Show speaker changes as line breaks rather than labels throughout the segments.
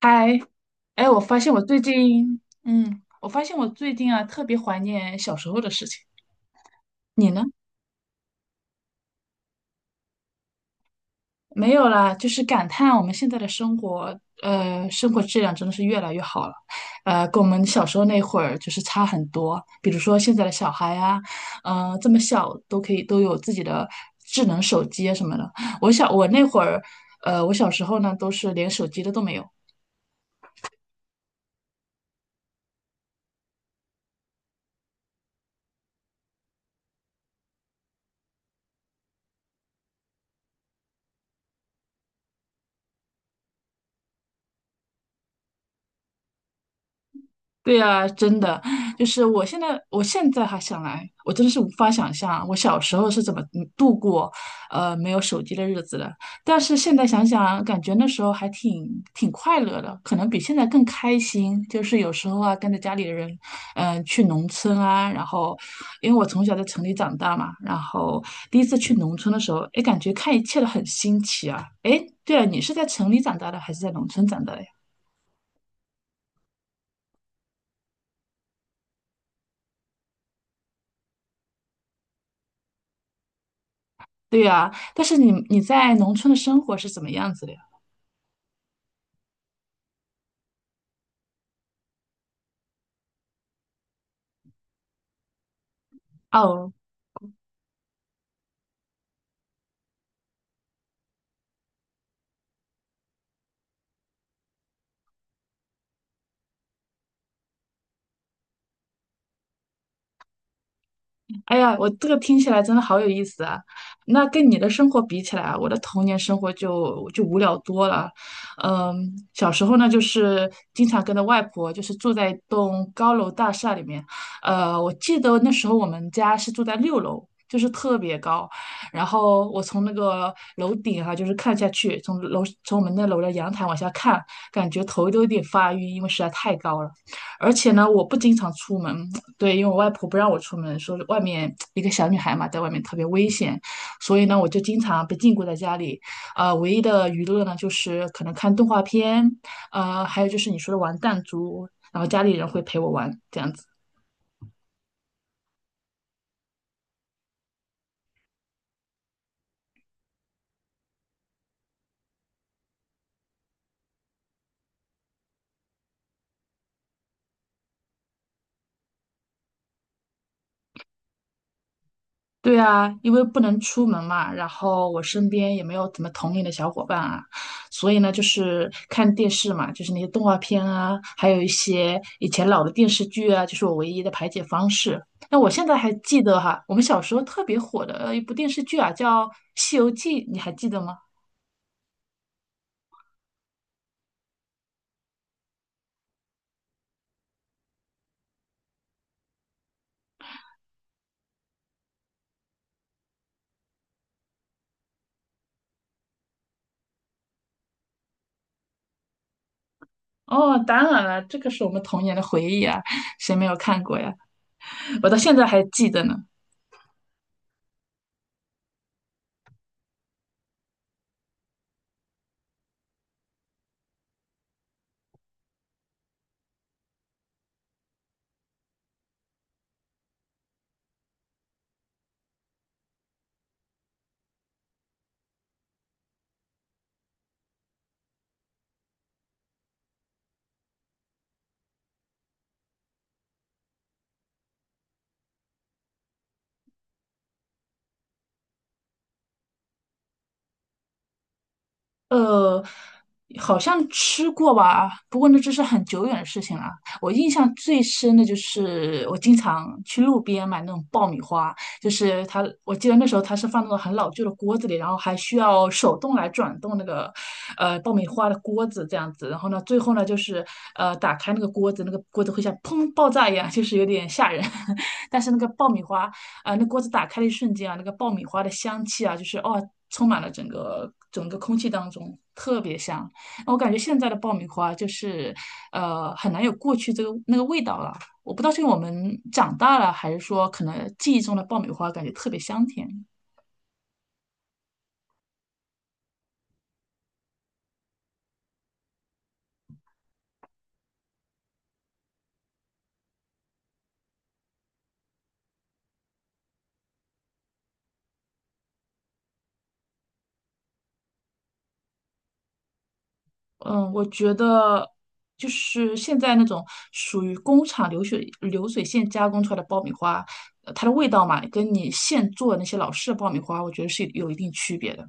嗨，哎，我发现我最近，特别怀念小时候的事情。你呢？没有啦，就是感叹我们现在的生活，生活质量真的是越来越好了，跟我们小时候那会儿就是差很多。比如说现在的小孩啊，这么小都可以都有自己的智能手机啊什么的。我那会儿，我小时候呢，都是连手机的都没有。对呀，真的，我现在还想来，我真的是无法想象我小时候是怎么度过，没有手机的日子的。但是现在想想，感觉那时候还挺快乐的，可能比现在更开心。就是有时候啊，跟着家里的人，去农村啊，然后，因为我从小在城里长大嘛，然后第一次去农村的时候，哎，感觉看一切都很新奇啊。哎，对了，你是在城里长大的，还是在农村长大的呀？对呀，但是你在农村的生活是怎么样子的呀？哦，哎呀，我这个听起来真的好有意思啊！那跟你的生活比起来啊我的童年生活就无聊多了。嗯，小时候呢，就是经常跟着外婆，就是住在一栋高楼大厦里面。我记得那时候我们家是住在六楼，就是特别高。然后我从那个楼顶哈、就是看下去，从我们那楼的阳台往下看，感觉头都有点发晕，因为实在太高了。而且呢，我不经常出门，对，因为我外婆不让我出门，说外面一个小女孩嘛，在外面特别危险，所以呢，我就经常被禁锢在家里。唯一的娱乐呢，就是可能看动画片，还有就是你说的玩弹珠，然后家里人会陪我玩，这样子。对啊，因为不能出门嘛，然后我身边也没有怎么同龄的小伙伴啊，所以呢，就是看电视嘛，就是那些动画片啊，还有一些以前老的电视剧啊，就是我唯一的排解方式。那我现在还记得哈，我们小时候特别火的一部电视剧啊，叫《西游记》，你还记得吗？哦，当然了，这个是我们童年的回忆啊，谁没有看过呀？我到现在还记得呢。呃，好像吃过吧，不过那这是很久远的事情了。我印象最深的就是我经常去路边买那种爆米花，就是它，我记得那时候它是放那种很老旧的锅子里，然后还需要手动来转动那个爆米花的锅子这样子。然后呢，最后呢就是打开那个锅子，那个锅子会像砰爆炸一样，就是有点吓人。但是那个爆米花啊，那锅子打开的一瞬间啊，那个爆米花的香气啊，就是哦，充满了整个空气当中，特别香。我感觉现在的爆米花就是，很难有过去这个那个味道了。我不知道是因为我们长大了，还是说可能记忆中的爆米花感觉特别香甜。嗯，我觉得就是现在那种属于工厂流水线加工出来的爆米花，它的味道嘛，跟你现做的那些老式的爆米花，我觉得是有一定区别的。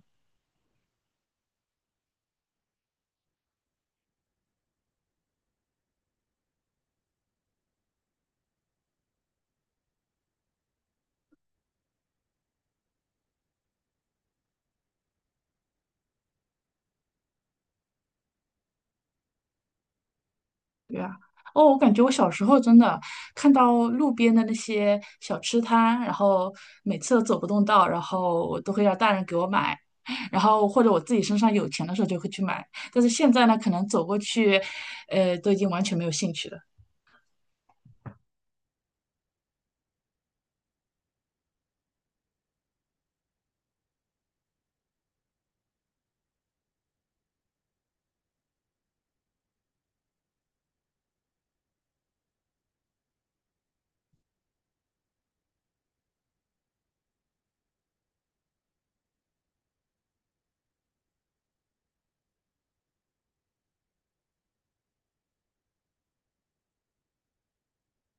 对啊，哦，我感觉我小时候真的看到路边的那些小吃摊，然后每次都走不动道，然后我都会让大人给我买，然后或者我自己身上有钱的时候就会去买，但是现在呢，可能走过去，都已经完全没有兴趣了。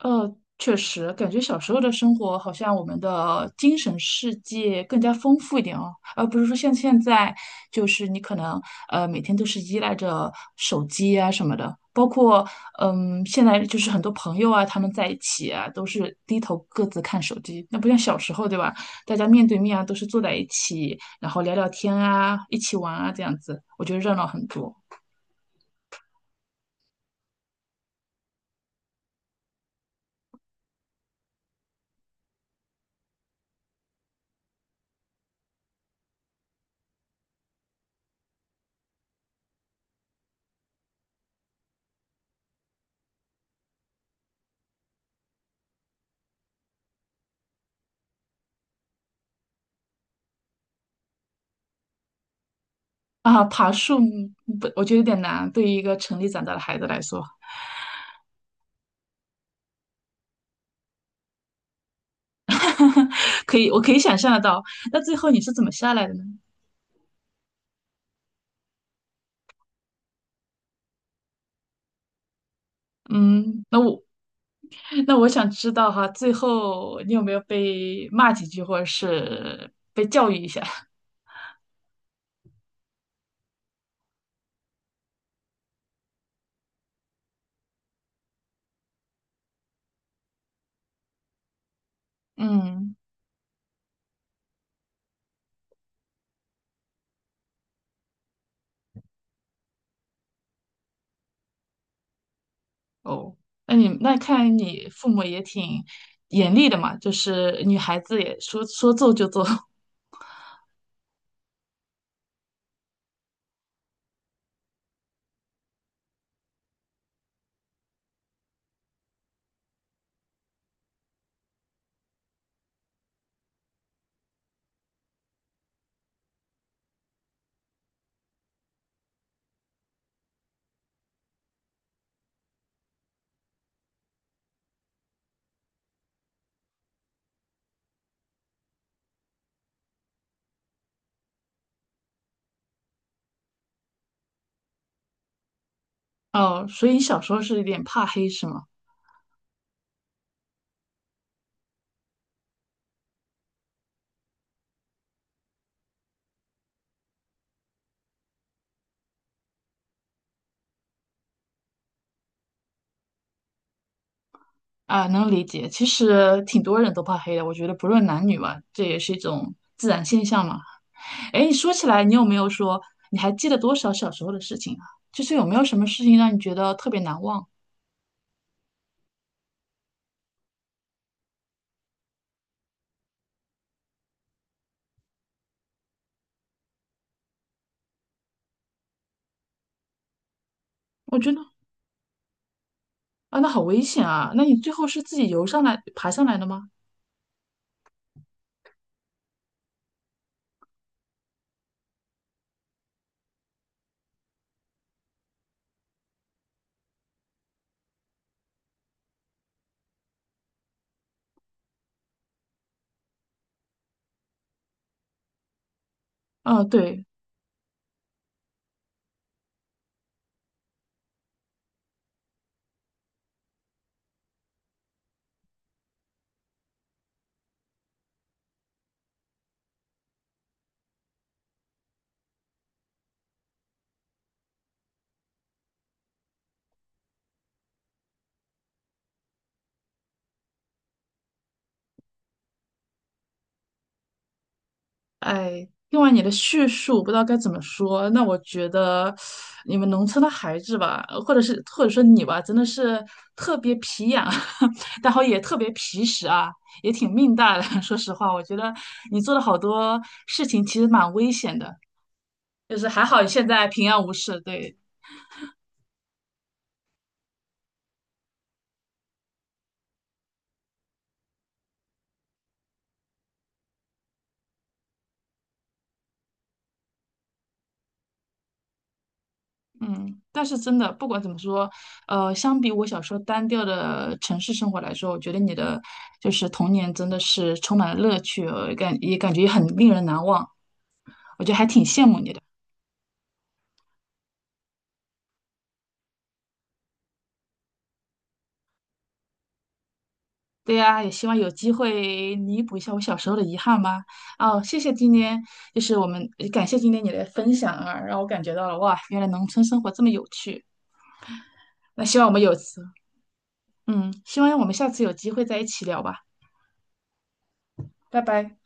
呃，确实，感觉小时候的生活好像我们的精神世界更加丰富一点哦，而不是说像现在，就是你可能每天都是依赖着手机啊什么的，包括现在就是很多朋友啊他们在一起啊都是低头各自看手机，那不像小时候对吧？大家面对面啊都是坐在一起，然后聊聊天啊，一起玩啊这样子，我觉得热闹很多啊。爬树不，我觉得有点难，对于一个城里长大的孩子来说。可以，我可以想象得到。那最后你是怎么下来的呢？嗯，那我那我想知道哈，最后你有没有被骂几句，或者是被教育一下？嗯，哦，那你看来你父母也挺严厉的嘛，就是女孩子也说做就做。哦，所以你小时候是有点怕黑是吗？啊，能理解。其实挺多人都怕黑的，我觉得不论男女嘛，这也是一种自然现象嘛。哎，说起来，你有没有说你还记得多少小时候的事情啊？就是有没有什么事情让你觉得特别难忘？我觉得啊，那好危险啊！那你最后是自己游上来、爬上来的吗？啊，对，哎，听完你的叙述，不知道该怎么说。那我觉得你们农村的孩子吧，或者说你吧，真的是特别皮痒，然后也特别皮实啊，也挺命大的。说实话，我觉得你做了好多事情，其实蛮危险的。就是还好现在平安无事，对，嗯，但是真的不管怎么说，相比我小时候单调的城市生活来说，我觉得你的就是童年真的是充满了乐趣，感觉很令人难忘，我觉得还挺羡慕你的。对呀，也希望有机会弥补一下我小时候的遗憾吧。哦，谢谢今天，就是我们感谢今天你的分享啊，让我感觉到了哇，原来农村生活这么有趣。那希望我们有次，嗯，希望我们下次有机会在一起聊吧，拜拜。